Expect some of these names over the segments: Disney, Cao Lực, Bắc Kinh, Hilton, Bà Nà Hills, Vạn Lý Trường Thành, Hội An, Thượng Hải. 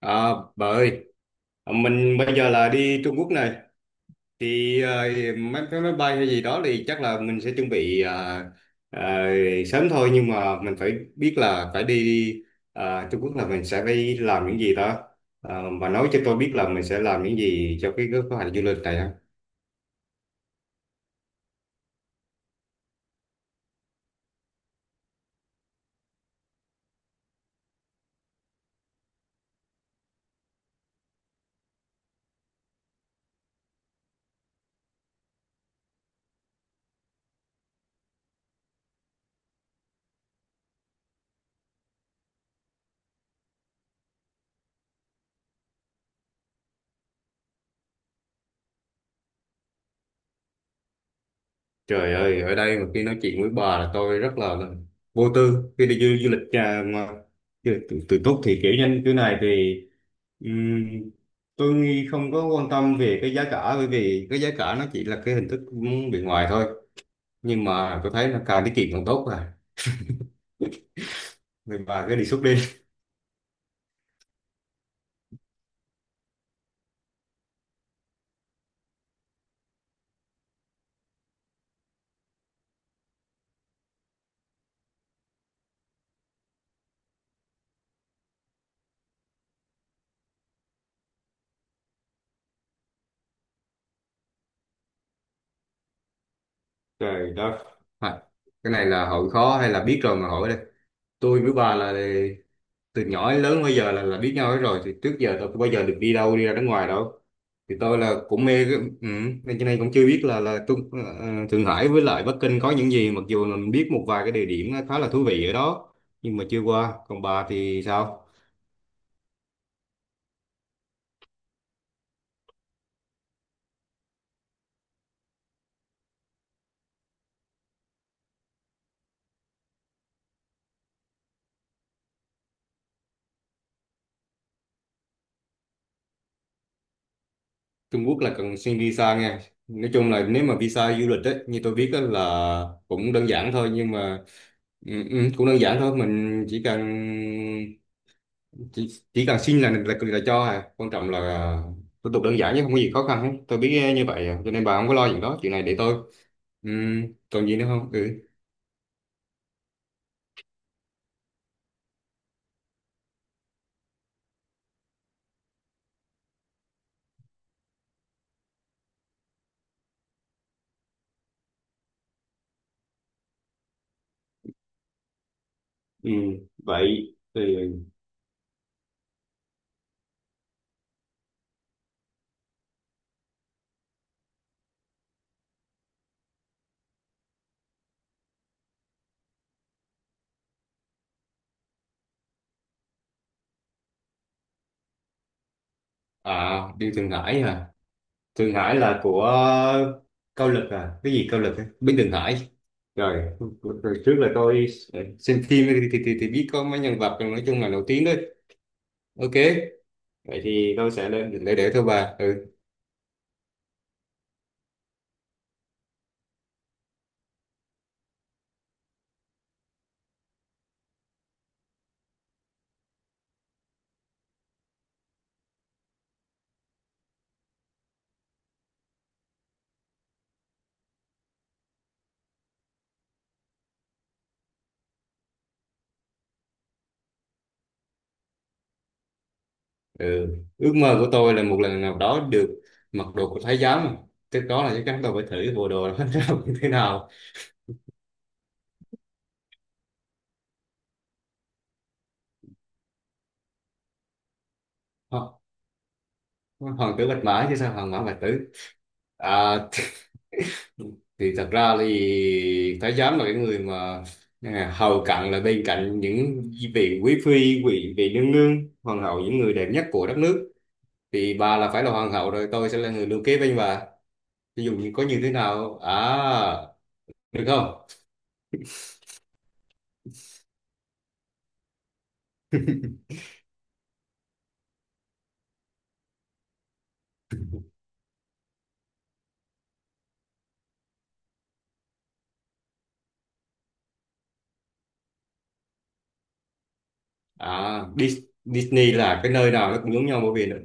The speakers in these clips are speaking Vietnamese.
À, bà ơi, mình bây giờ là đi Trung Quốc này, thì mấy cái máy bay hay gì đó thì chắc là mình sẽ chuẩn bị ờ, sớm thôi, nhưng mà mình phải biết là phải đi Trung Quốc là mình sẽ phải làm những gì đó. Bà nói cho tôi biết là mình sẽ làm những gì cho cái kế hoạch du lịch này ha. Trời ơi, ở đây mà khi nói chuyện với bà là tôi rất là vô tư khi đi du lịch mà du lịch tự túc thì kiểu như thế này thì Ừm, tôi nghĩ không có quan tâm về cái giá cả, bởi vì cái giá cả nó chỉ là cái hình thức bên ngoài thôi, nhưng mà tôi thấy là càng tiết kiệm càng tốt rồi, mình bà cái đề xuất đi. Trời đất! à, cái này là hỏi khó hay là biết rồi mà hỏi đây? Tôi với bà là từ nhỏ đến lớn bây giờ là biết nhau hết rồi, thì trước giờ tôi không bao giờ được đi đâu, đi ra nước ngoài đâu. Thì tôi là cũng mê ừ, cho nên cũng chưa biết là tôi, Thượng Hải với lại Bắc Kinh có những gì, mặc dù là mình biết một vài cái địa điểm khá là thú vị ở đó, nhưng mà chưa qua. Còn bà thì sao? Trung Quốc là cần xin visa nha. Nói chung là nếu mà visa du lịch ấy, như tôi biết á là cũng đơn giản thôi, nhưng mà cũng đơn giản thôi, mình chỉ, chỉ cần xin là cho quan trọng là thủ tục đơn giản chứ không có gì khó khăn hết, tôi biết à, như vậy à. Cho nên bà không có lo, chuyện đó chuyện này để tôi. Ừm, Còn gì nữa không? Ừ, ừ, vậy thì à, đi Thượng Hải à? Thượng Hải là của Cao Lực à, cái gì Cao Lực ấy? Bên Thượng Hải. Rồi, rồi trước là tôi xem phim thì biết có mấy nhân vật nói chung là nổi tiếng đấy. Ok, vậy thì tôi sẽ lên để thôi bà. Ừ Ừ. Ước mơ của tôi là một lần nào đó được mặc đồ của thái giám, cái đó là chắc chắn tôi phải thử bộ đồ đó ra như thế nào. Ho- Hoàng tử bạch mã chứ, sao hoàng mã bạch tử? À, thì thật ra thì thái giám là cái người mà hầu cận là bên cạnh những vị quý phi, vị vị nương nương, hoàng hậu, những người đẹp nhất của đất nước, thì bà là phải là hoàng hậu rồi, tôi sẽ là người lưu kế bên bà. Ví dụ như có như thế nào à, được không? À, Disney là cái nơi nào nó cũng giống nhau, bởi vì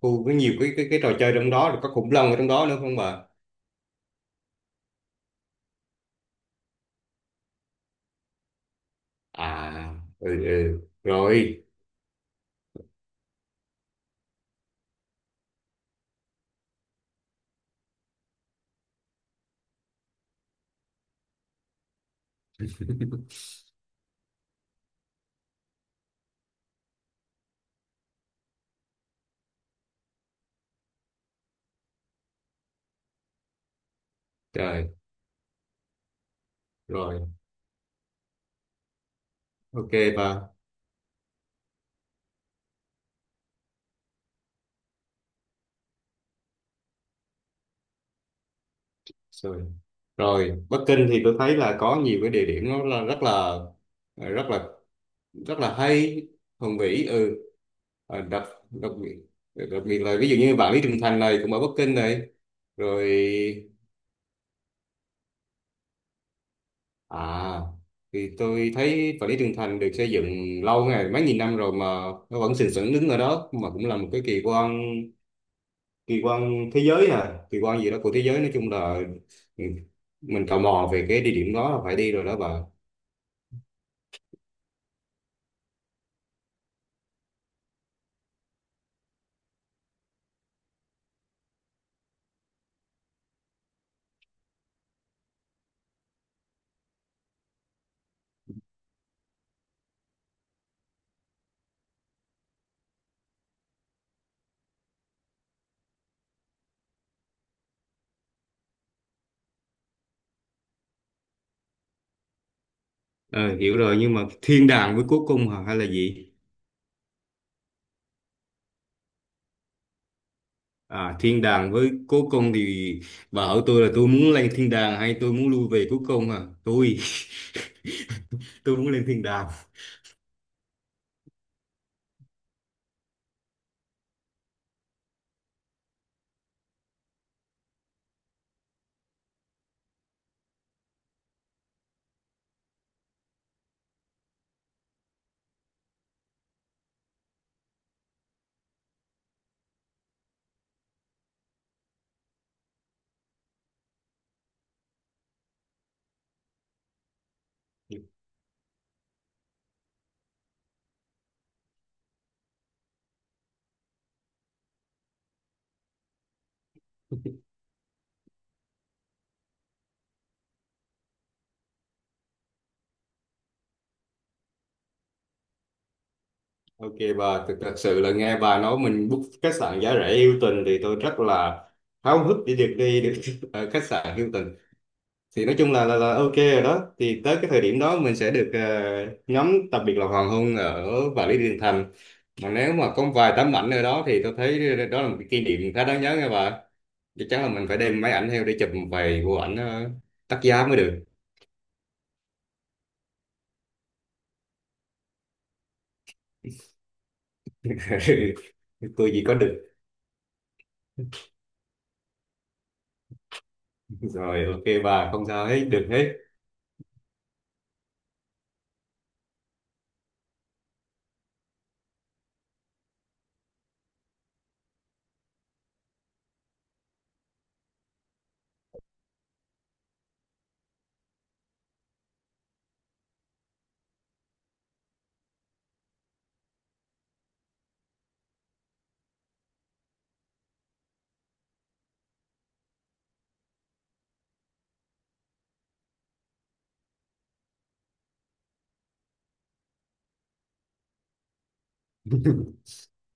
khu có nhiều cái trò chơi trong đó, rồi có khủng long ở trong đó nữa không bà? À, ừ, ừ. Rồi. Trời. Rồi, ok bà. Rồi, rồi Bắc Kinh thì tôi thấy là có nhiều cái địa điểm, nó là rất là rất là hay, hùng vĩ. Ừ. à, đặc đặc biệt đặc biệt là ví dụ như Vạn Lý Trường Thành này cũng ở Bắc Kinh này. Rồi. À, thì tôi thấy Vạn Lý Trường Thành được xây dựng lâu ngày, mấy nghìn năm rồi mà nó vẫn sừng sững đứng ở đó, mà cũng là một cái kỳ quan thế giới, à, kỳ quan gì đó của thế giới, nói chung là ừ, mình tò mò về cái địa điểm đó là phải đi rồi đó bà. Ờ, Hiểu rồi, nhưng mà thiên đàng với cố cung hả, hay là gì? À, thiên đàng với cố cung thì bà hỏi tôi là tôi muốn lên thiên đàng hay tôi muốn lui về cố cung à? Tôi tôi muốn lên thiên đàng. Ok bà, thật sự là nghe bà nói mình book khách sạn giá rẻ Hilton thì tôi rất là háo hức để được đi được ở khách sạn Hilton. Thì nói chung là ok rồi đó. Thì tới cái thời điểm đó mình sẽ được ngắm, đặc biệt là hoàng hôn ở Vạn Lý Đường Thành. Mà nếu mà có vài tấm ảnh ở đó thì tôi thấy đó là một cái kỷ niệm khá đáng nhớ nha bà. Chắc chắn là mình phải đem máy ảnh theo để chụp một vài bộ ảnh đắt giá mới được. Tôi gì có được. Rồi ok bà, không sao hết, được hết.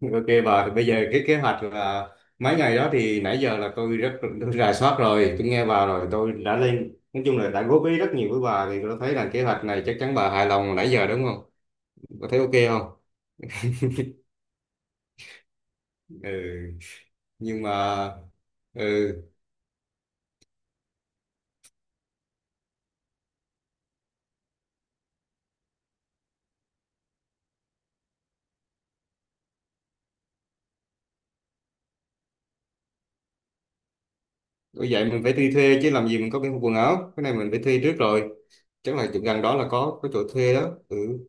Ok bà, bây giờ cái kế hoạch là mấy ngày đó thì nãy giờ là tôi rà soát rồi, tôi nghe bà rồi, tôi đã lên nói chung là đã góp ý rất nhiều với bà, thì tôi thấy là kế hoạch này chắc chắn bà hài lòng nãy giờ đúng không? Bà thấy ok không? Ừ. Nhưng mà ừ, bởi vậy mình phải đi thuê chứ làm gì mình có cái quần áo, cái này mình phải thuê trước rồi. Chắc là chỗ gần đó là có chỗ thuê đó. Ừ,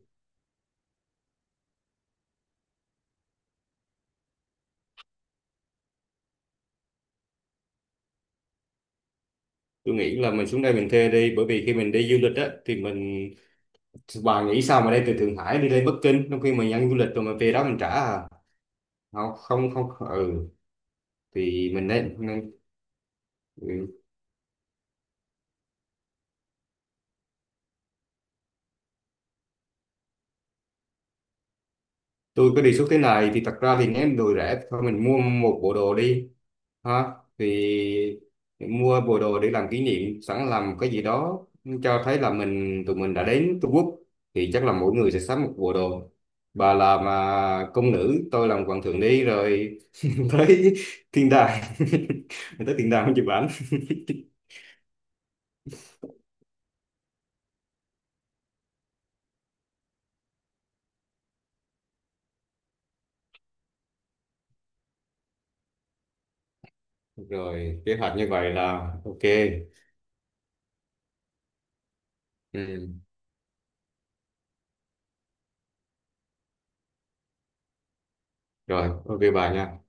tôi nghĩ là mình xuống đây mình thuê đi, bởi vì khi mình đi du lịch á thì bà nghĩ sao mà đi từ Thượng Hải đi lên Bắc Kinh, trong khi mình ăn du lịch rồi mình về đó mình trả à? Không, không, không, ừ, thì mình nên, ừ. Tôi có đề xuất thế này, thì thật ra thì nếu đồ rẻ thôi mình mua một bộ đồ đi ha, thì mua bộ đồ để làm kỷ niệm, sẵn làm cái gì đó cho thấy là tụi mình đã đến Trung Quốc, thì chắc là mỗi người sẽ sắm một bộ đồ. Bà làm công nữ, tôi làm hoàng thượng đi rồi tới thiên đàng tới thiên đàng không chụp ảnh. Rồi kế hoạch như vậy là ok. Ừ. Rồi ok bà nha.